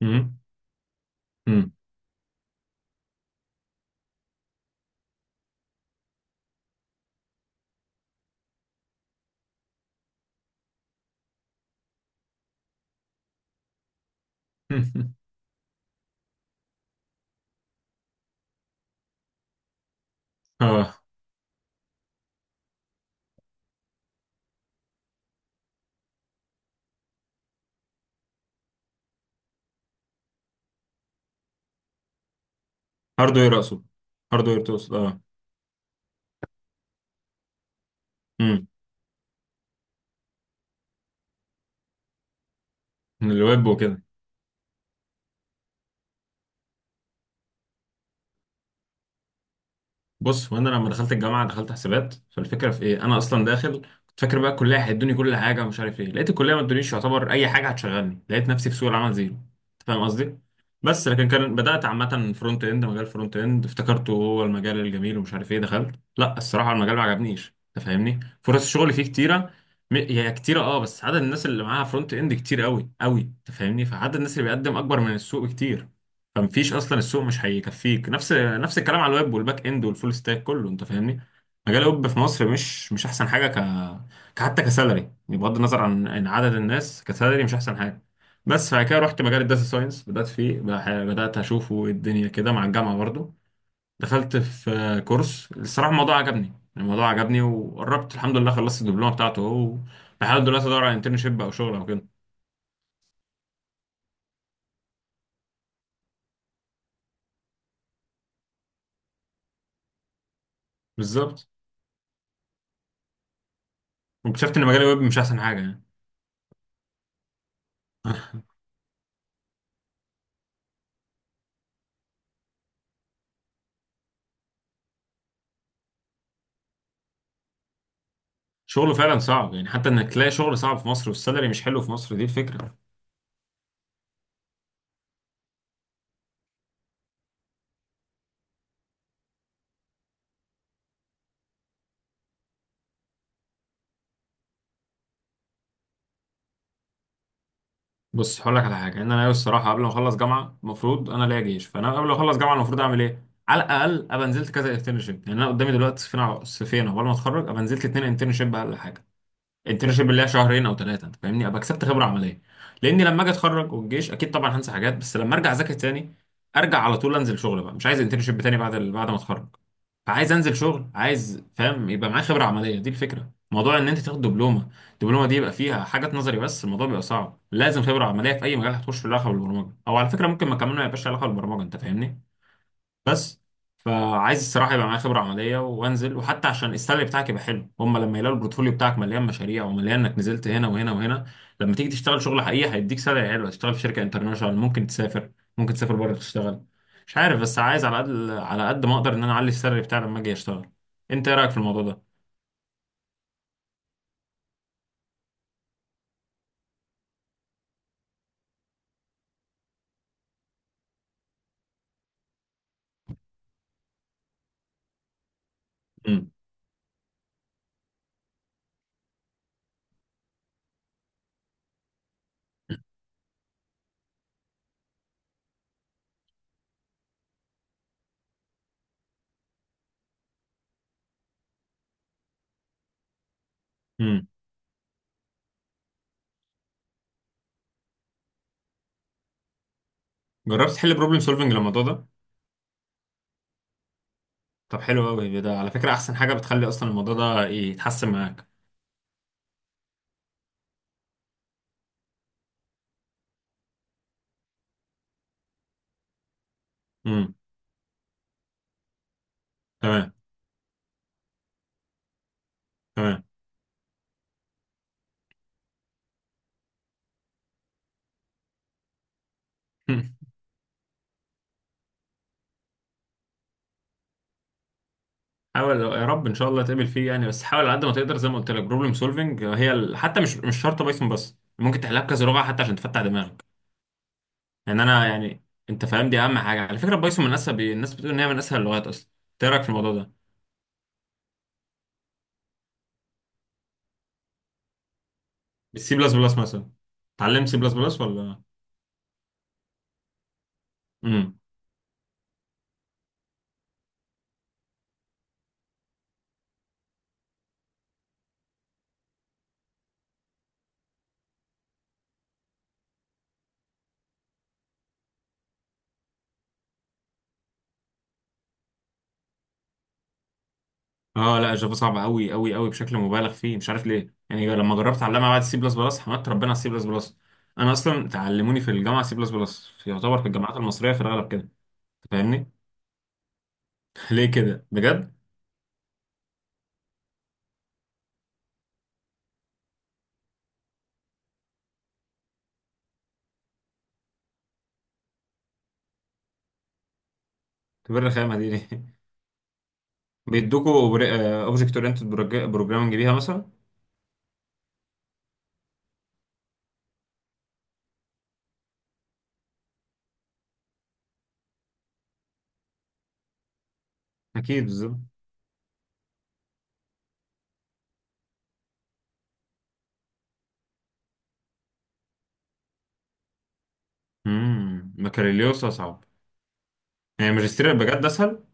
مم. مم. اه. هاردوير اقصد. هاردوير تقصد، اه. امم الويب وكده. بص، وانا لما دخلت الجامعه دخلت حسابات، فالفكره في ايه؟ انا اصلا داخل كنت فاكر بقى الكليه هيدوني كل حاجه ومش عارف ايه. لقيت الكليه ما ادونيش يعتبر اي حاجه هتشغلني، لقيت نفسي في سوق العمل زيرو، انت فاهم قصدي؟ بس لكن كان بدات عامه فرونت اند، مجال فرونت اند افتكرته هو المجال الجميل ومش عارف ايه، دخلت، لا الصراحه المجال ما عجبنيش، انت فاهمني. فرص الشغل فيه كتيره، هي كتيره، اه، بس عدد الناس اللي معاها فرونت اند كتير قوي قوي، انت فاهمني، فعدد الناس اللي بيقدم اكبر من السوق بكتير. فمفيش اصلا، السوق مش هيكفيك. نفس الكلام على الويب والباك اند والفول ستاك كله، انت فاهمني. مجال الويب في مصر مش احسن حاجه، حتى كسالري، بغض النظر عن عدد الناس، كسالري مش احسن حاجه. بس بعد كده رحت مجال الداتا ساينس، بدات فيه، بدات اشوفه إيه الدنيا كده مع الجامعه برضو. دخلت في كورس، الصراحه الموضوع عجبني، الموضوع عجبني، وقربت الحمد لله خلصت الدبلومه بتاعته اهو. بحاول دلوقتي ادور على انترنشيب او شغل او كده. بالظبط. واكتشفت ان مجال الويب مش احسن حاجه يعني. شغله فعلا صعب يعني، حتى انك تلاقي شغل صعب في مصر والسالري مش حلو في مصر، دي الفكره. بص هقول لك على حاجه، ان انا الصراحه قبل ما اخلص جامعه المفروض انا ليا جيش، فانا قبل ما اخلص جامعه المفروض اعمل ايه؟ على الاقل ابقى نزلت كذا انترنشيب. يعني انا قدامي دلوقتي صفين صفين عقبال ما اتخرج، ابقى نزلت اتنين انترنشيب اقل حاجه. انترنشيب اللي هي شهرين او ثلاثه، انت فاهمني، ابقى كسبت خبره عمليه. لاني لما اجي اتخرج والجيش اكيد طبعا هنسى حاجات، بس لما ارجع اذاكر تاني، ارجع على طول انزل شغل بقى، مش عايز انترنشيب تاني بعد بعد ما اتخرج. فعايز انزل شغل، عايز فاهم يبقى معايا خبره عمليه. دي الفكره، موضوع ان انت تاخد دبلومه، الدبلومه دي يبقى فيها حاجات نظري بس. الموضوع بيبقى صعب، لازم خبره عمليه في اي مجال هتخش، في علاقه بالبرمجه او على فكره ممكن ما كمان ما يبقاش لها علاقه بالبرمجه، انت فاهمني. بس. فعايز الصراحه يبقى معايا خبره عمليه وانزل، وحتى عشان السالري بتاعك يبقى حلو، هم لما يلاقوا البورتفوليو بتاعك مليان مشاريع ومليان انك نزلت هنا وهنا وهنا، لما تيجي تشتغل شغل حقيقي هيديك سالري حلو، هتشتغل في شركه انترناشونال، ممكن تسافر، ممكن تسافر بره تشتغل. مش عارف، بس عايز على قد ما اقدر ان انا اعلي السالري بتاعي لما اجي اشتغل. انت ايه رايك في الموضوع ده؟ امم امم جربت تحل بروبلم سولفنج للموضوع ده؟ طب حلو قوي ده، على فكره احسن حاجه بتخلي اصلا الموضوع ده يتحسن معاك. امم تمام. تمام. حاول يا رب ان شاء الله تقابل فيه يعني، بس حاول على قد ما تقدر. زي ما قلت لك بروبلم سولفنج هي حتى مش شرط بايثون، بس ممكن تحلها بكذا لغه حتى عشان تفتح دماغك. يعني انا يعني، انت فاهم؟ دي اهم حاجه على فكره. بايثون من اسهل، الناس بتقول ان هي من اسهل اللغات اصلا، إنت ايه رايك في الموضوع ده؟ بالسي بلس بلس مثلا؟ اتعلمت سي بلس بلس ولا؟ امم اه لا، جافا صعبه قوي قوي قوي بشكل مبالغ فيه، مش عارف ليه. يعني لما جربت اتعلمها بعد السي بلس بلس حمدت ربنا على السي بلس بلس. انا اصلا تعلموني في الجامعه سي بلس بلس، يعتبر في الجامعات المصريه في الغالب كده. فاهمني. ليه كده بجد؟ طب إيه الرخامة دي ليه؟ بيدوكوا اوبجكت اورينتد بروجرامنج بيها مثلا؟ اكيد، بالظبط. بكالوريوس اصعب. يعني ماجستير بجد اسهل؟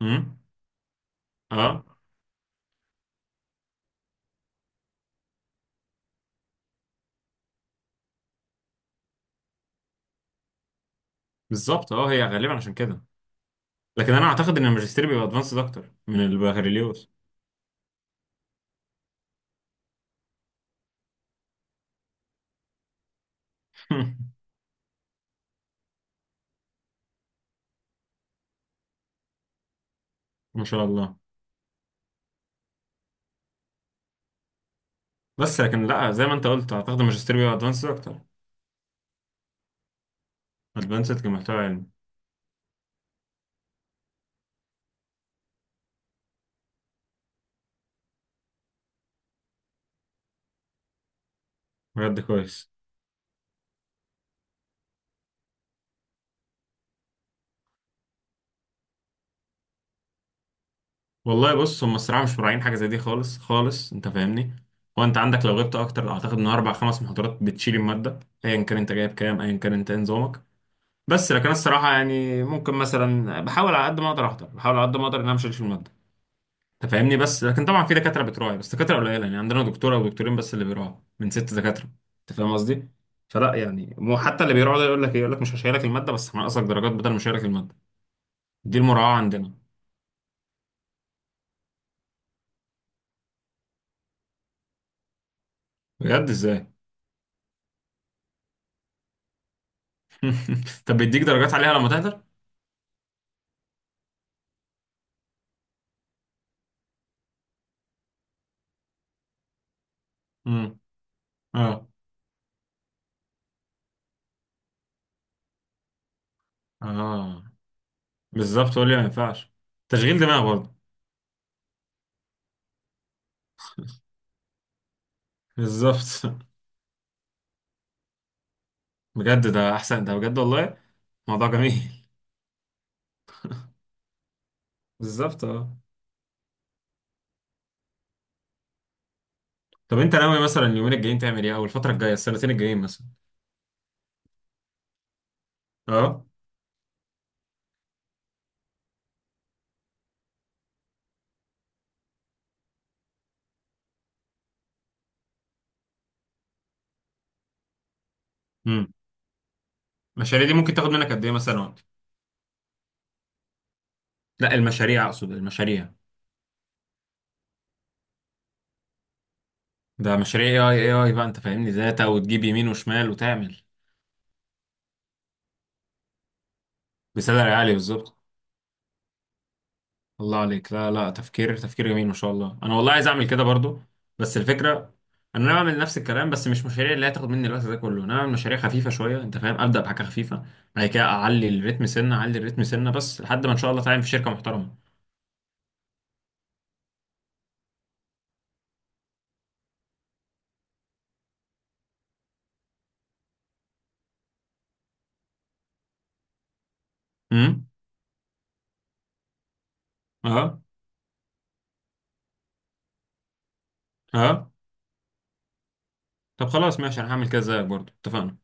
امم اه بالظبط، اه هي غالبا عشان كده. لكن انا اعتقد ان الماجستير بيبقى ادفانسد اكتر من البكالوريوس. ما شاء الله. بس لكن لا، زي ما انت قلت اعتقد الماجستير بيبقى ادفانسد اكتر. ادفانسد كمحتوى علمي. بجد كويس. والله بص، هم الصراحه مش مراعين حاجه زي دي خالص خالص، انت فاهمني. هو انت عندك لو غبت اكتر، اعتقد ان اربع خمس محاضرات بتشيل الماده، ايا كان انت جايب كام، ايا كان انت إيه نظامك. بس لكن أنا الصراحه يعني ممكن مثلا بحاول على قد ما اقدر احضر، بحاول على قد ما اقدر ان انا مش هشيل الماده، انت فاهمني. بس لكن طبعا في دكاتره بتراعي، بس دكاتره قليله. يعني عندنا دكتوره ودكتورين بس اللي بيراعوا من ست دكاتره، انت فاهم قصدي؟ فلا يعني، مو حتى اللي بيراعوا ده يقول لك ايه، يقول لك مش هشيلك الماده بس هنقصك درجات بدل ما اشيلك الماده، دي المراعاه عندنا. بجد ازاي؟ طب بيديك درجات عليها لما تحضر؟ امم اه. اه بالظبط، قول لي ما ينفعش. تشغيل دماغ برضه. بالظبط. بجد ده احسن، ده بجد والله. موضوع جميل. بالظبط، اه. طب انت ناوي مثلا اليومين الجايين تعمل ايه، او الفتره الجايه السنتين الجايين مثلا؟ اه. امم المشاريع دي ممكن تاخد منك قد ايه مثلا وقت؟ لا المشاريع، اقصد المشاريع. ده مشاريع اي اي اي بقى، انت فاهمني، داتا وتجيب يمين وشمال وتعمل. بسالري عالي، بالظبط. الله عليك، لا لا، تفكير تفكير جميل ما شاء الله، انا والله عايز اعمل كده برضو. بس الفكره، انا بعمل نفس الكلام، بس مش مشاريع اللي هتاخد مني الوقت ده كله. انا بعمل مشاريع خفيفه شويه، انت فاهم، ابدا بحاجه خفيفه. بعد كده اعلي الريتم سنه، اعلي الريتم سنه، بس لحد ما ان شاء الله اتعين في شركه محترمه. امم اه. اه طب خلاص ماشي، انا هعمل كده زيك برضو، اتفقنا.